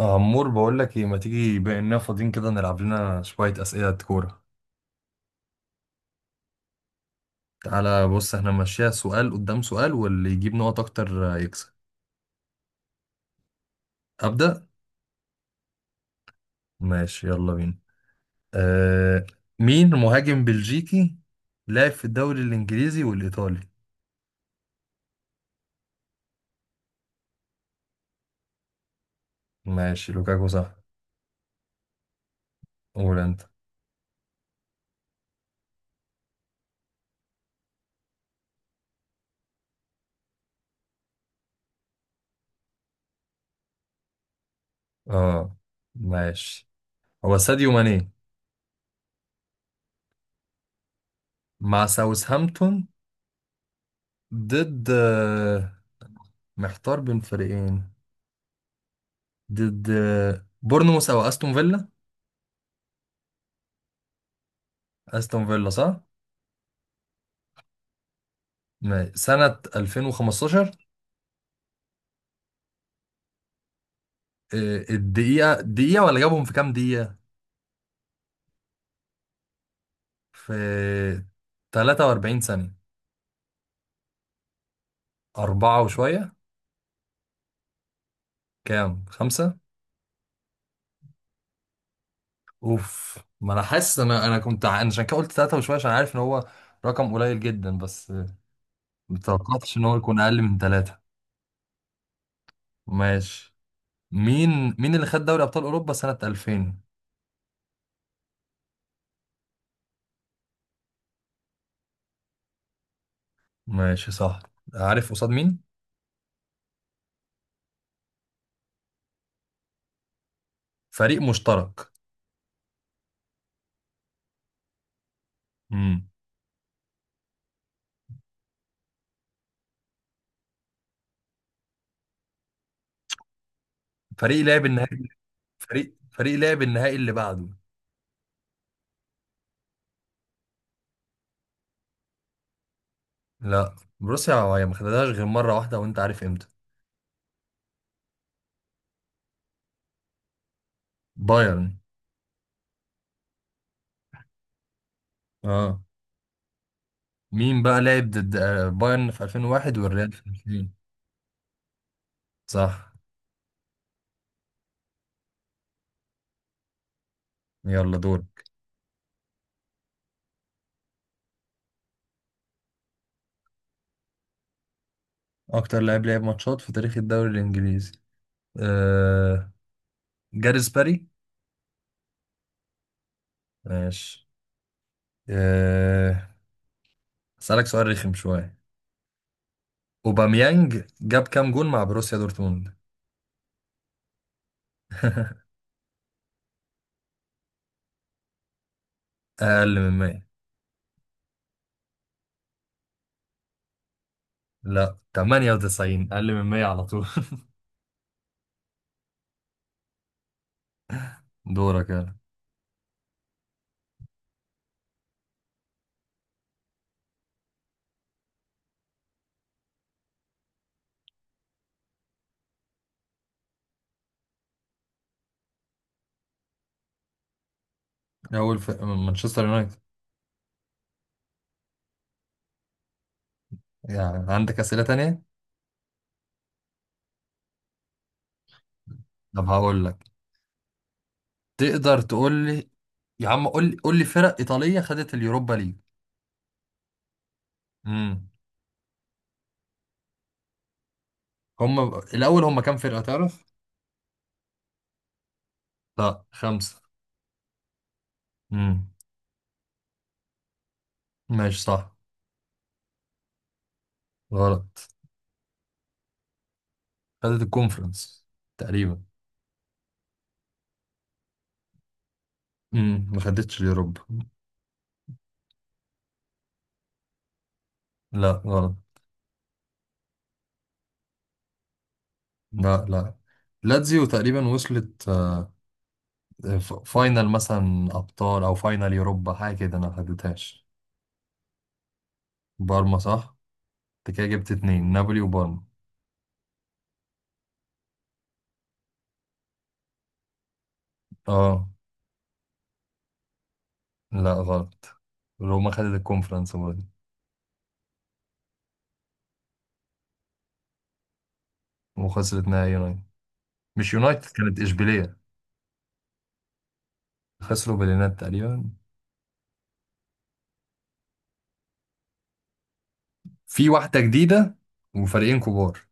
عمور بقول لك ايه؟ ما تيجي بما اننا فاضيين كده نلعب لنا شويه اسئله كوره. تعالى بص، احنا ماشيها سؤال قدام سؤال واللي يجيب نقط اكتر يكسب. ابدا. ماشي، يلا بينا. آه مين مهاجم بلجيكي لعب في الدوري الانجليزي والايطالي؟ ماشي، لوكاكو صح. قول انت. اه ماشي، هو ساديو ماني مع ساوثهامبتون ضد، محتار بين فريقين، ضد بورنموث او استون فيلا. استون فيلا صح. سنة 2015. الدقيقة، دقيقة ولا جابهم في كام دقيقة؟ في 43 ثانية. أربعة وشوية. كام؟ خمسة؟ أوف، ما أنا حاسس. أنا كنت أنا عشان كده قلت تلاتة وشوية، عشان عارف إن هو رقم قليل جدا، بس متوقعتش إن هو يكون أقل من تلاتة. ماشي. مين اللي خد دوري أبطال أوروبا سنة 2000؟ ماشي صح. عارف قصاد مين؟ فريق مشترك. امم فريق لعب النهائي. فريق لعب النهائي اللي بعده. لا، بروسيا هي ما خدتهاش غير مرة واحدة، وانت عارف امتى. بايرن. اه. مين بقى لعب ضد بايرن في 2001 والريال في 2000؟ صح. يلا دور. اكتر لاعب لعب ماتشات في تاريخ الدوري الانجليزي. آه... جاريث باري. ماشي. آه... اسالك سؤال رخم شوية. اوباميانج جاب كام جون مع بروسيا دورتموند؟ اقل من 100. لا 98، اقل من 100 على طول. دورك يلا. اول في مانشستر يونايتد. يعني عندك اسئلة تانية؟ طب هقول لك، تقدر تقول لي يا عم، قول لي قول لي فرق ايطاليه خدت اليوروبا ليج. امم هم الاول هم كام فرقه تعرف؟ لا خمسه. امم ماشي صح. غلط. خدت الكونفرنس تقريبا. ما خدتش اليوروبا. لا غلط. لا، لاتزيو تقريبا وصلت فاينل مثلا ابطال او فاينل يوروبا حاجه كده، انا ما خدتهاش. بارما صح. انت كده جبت اتنين، نابولي وبارما. اه. لا غلط، روما خدت الكونفرنس برضه. وخسرت نهائي يونايتد. مش يونايتد، كانت إشبيلية. خسروا باليونايتد تقريبا. في واحدة جديدة وفريقين كبار.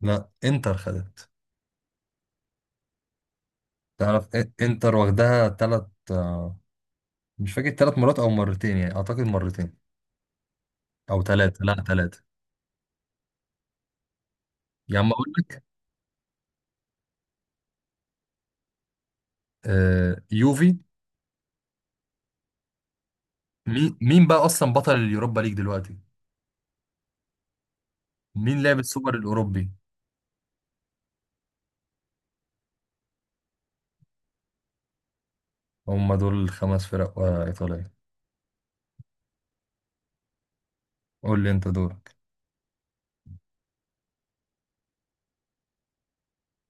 لا، انتر خدت. تعرف انتر واخدها تلات مش فاكر 3 مرات او مرتين، يعني اعتقد مرتين او تلاتة، لا تلاتة. يا عم اقول لك يوفي. مين بقى اصلا بطل اليوروبا ليج دلوقتي؟ مين لعب السوبر الاوروبي؟ هم دول الـ5 فرق ايطالية. قول لي انت دورك.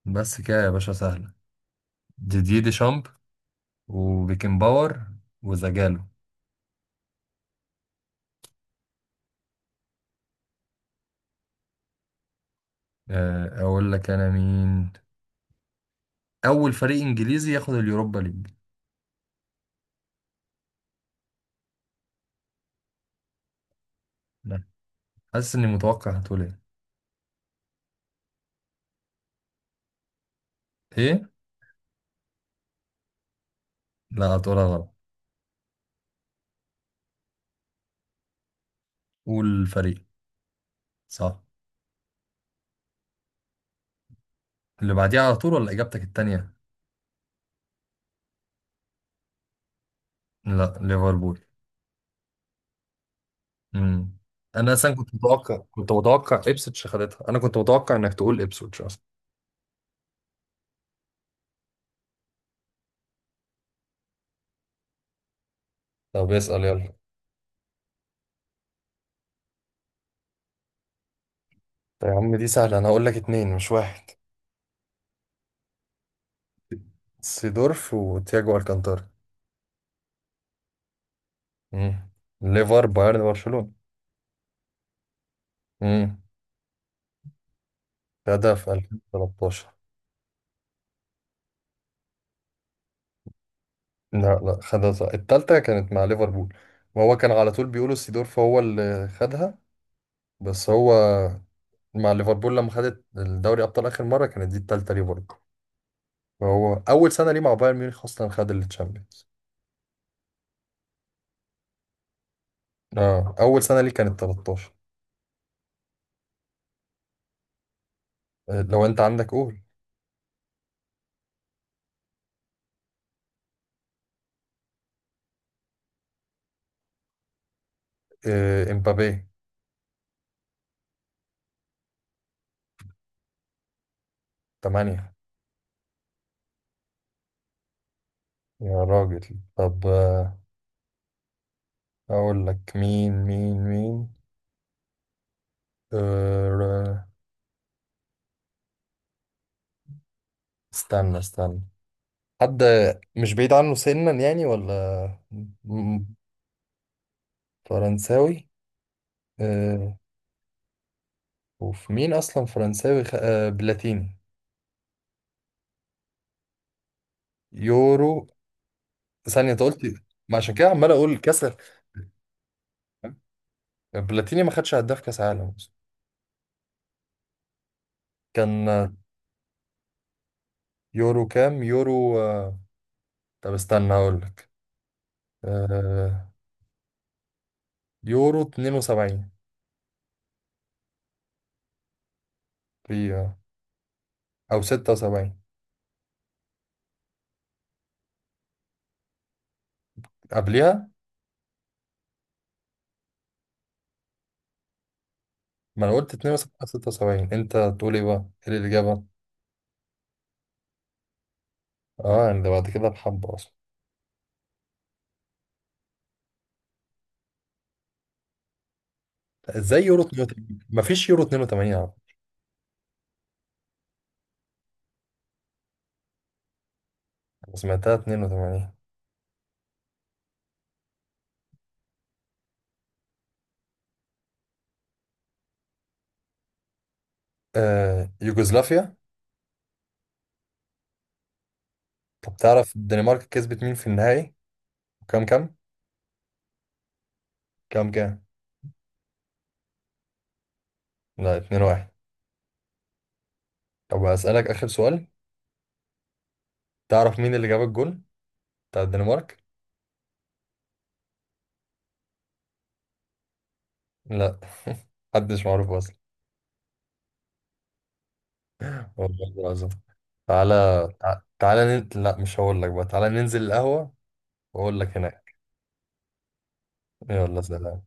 بس كده يا باشا، سهلة. ديديer ديشامب، وبيكن باور، وزجالو. اقول لك انا مين اول فريق انجليزي ياخد اليوروبا ليج. لا، حاسس اني متوقع هتقول ايه. ايه. لا هتقولها غلط. قول الفريق. صح. اللي بعديها على طول ولا اجابتك التانية؟ لا ليفربول. امم انا اصلا كنت متوقع، كنت متوقع ابسوتش خدتها، انا كنت متوقع انك تقول ابسوتش اصلا. طب اسال يلا. طيب يا عم دي سهله، انا هقول لك اتنين مش واحد: سيدورف وتياجو الكانتارا. امم ليفر، بايرن، برشلونة. مم. خدها في 2013. لا، خدها صح التالتة كانت مع ليفربول، وهو كان على طول بيقولوا سيدورف هو اللي خدها، بس هو مع ليفربول لما خدت الدوري أبطال آخر مرة كانت دي التالتة ليه برضه، فهو أول سنة ليه مع بايرن ميونخ أصلا خد التشامبيونز. اه أول سنة ليه كانت 13. لو أنت عندك قول. امبابي. 8. يا راجل، طب أقول لك، مين آه، استنى استنى. حد مش بعيد عنه سنا يعني ولا م- فرنساوي. آه وفي مين اصلا فرنساوي آه بلاتيني. يورو. ثانية انت قلت. ما عشان كده عمال اقول كسر. بلاتيني ما خدش هداف كاس عالم أصلاً. كان يورو كام؟ يورو طب استنى هقول لك. آه يورو 72. في او 76. قبلها. ما انا قلت 72، 76، انت تقول ايه بقى، ايه الاجابة؟ اه اللي بعد كده بحبة اصلا. ازاي يورو 82 مفيش، يورو 82 يا عم. أنا سمعتها 82. يوغوسلافيا. طب تعرف الدنمارك كسبت مين في النهائي؟ كام كام؟ كام كام؟ لا 2 1. طب هسألك آخر سؤال، تعرف مين اللي جاب الجول بتاع الدنمارك؟ لا. محدش معروف اصلا. والله العظيم. تعالى. تعالى لا مش هقول لك بقى، تعالى ننزل القهوة واقول لك هناك. يلا سلام.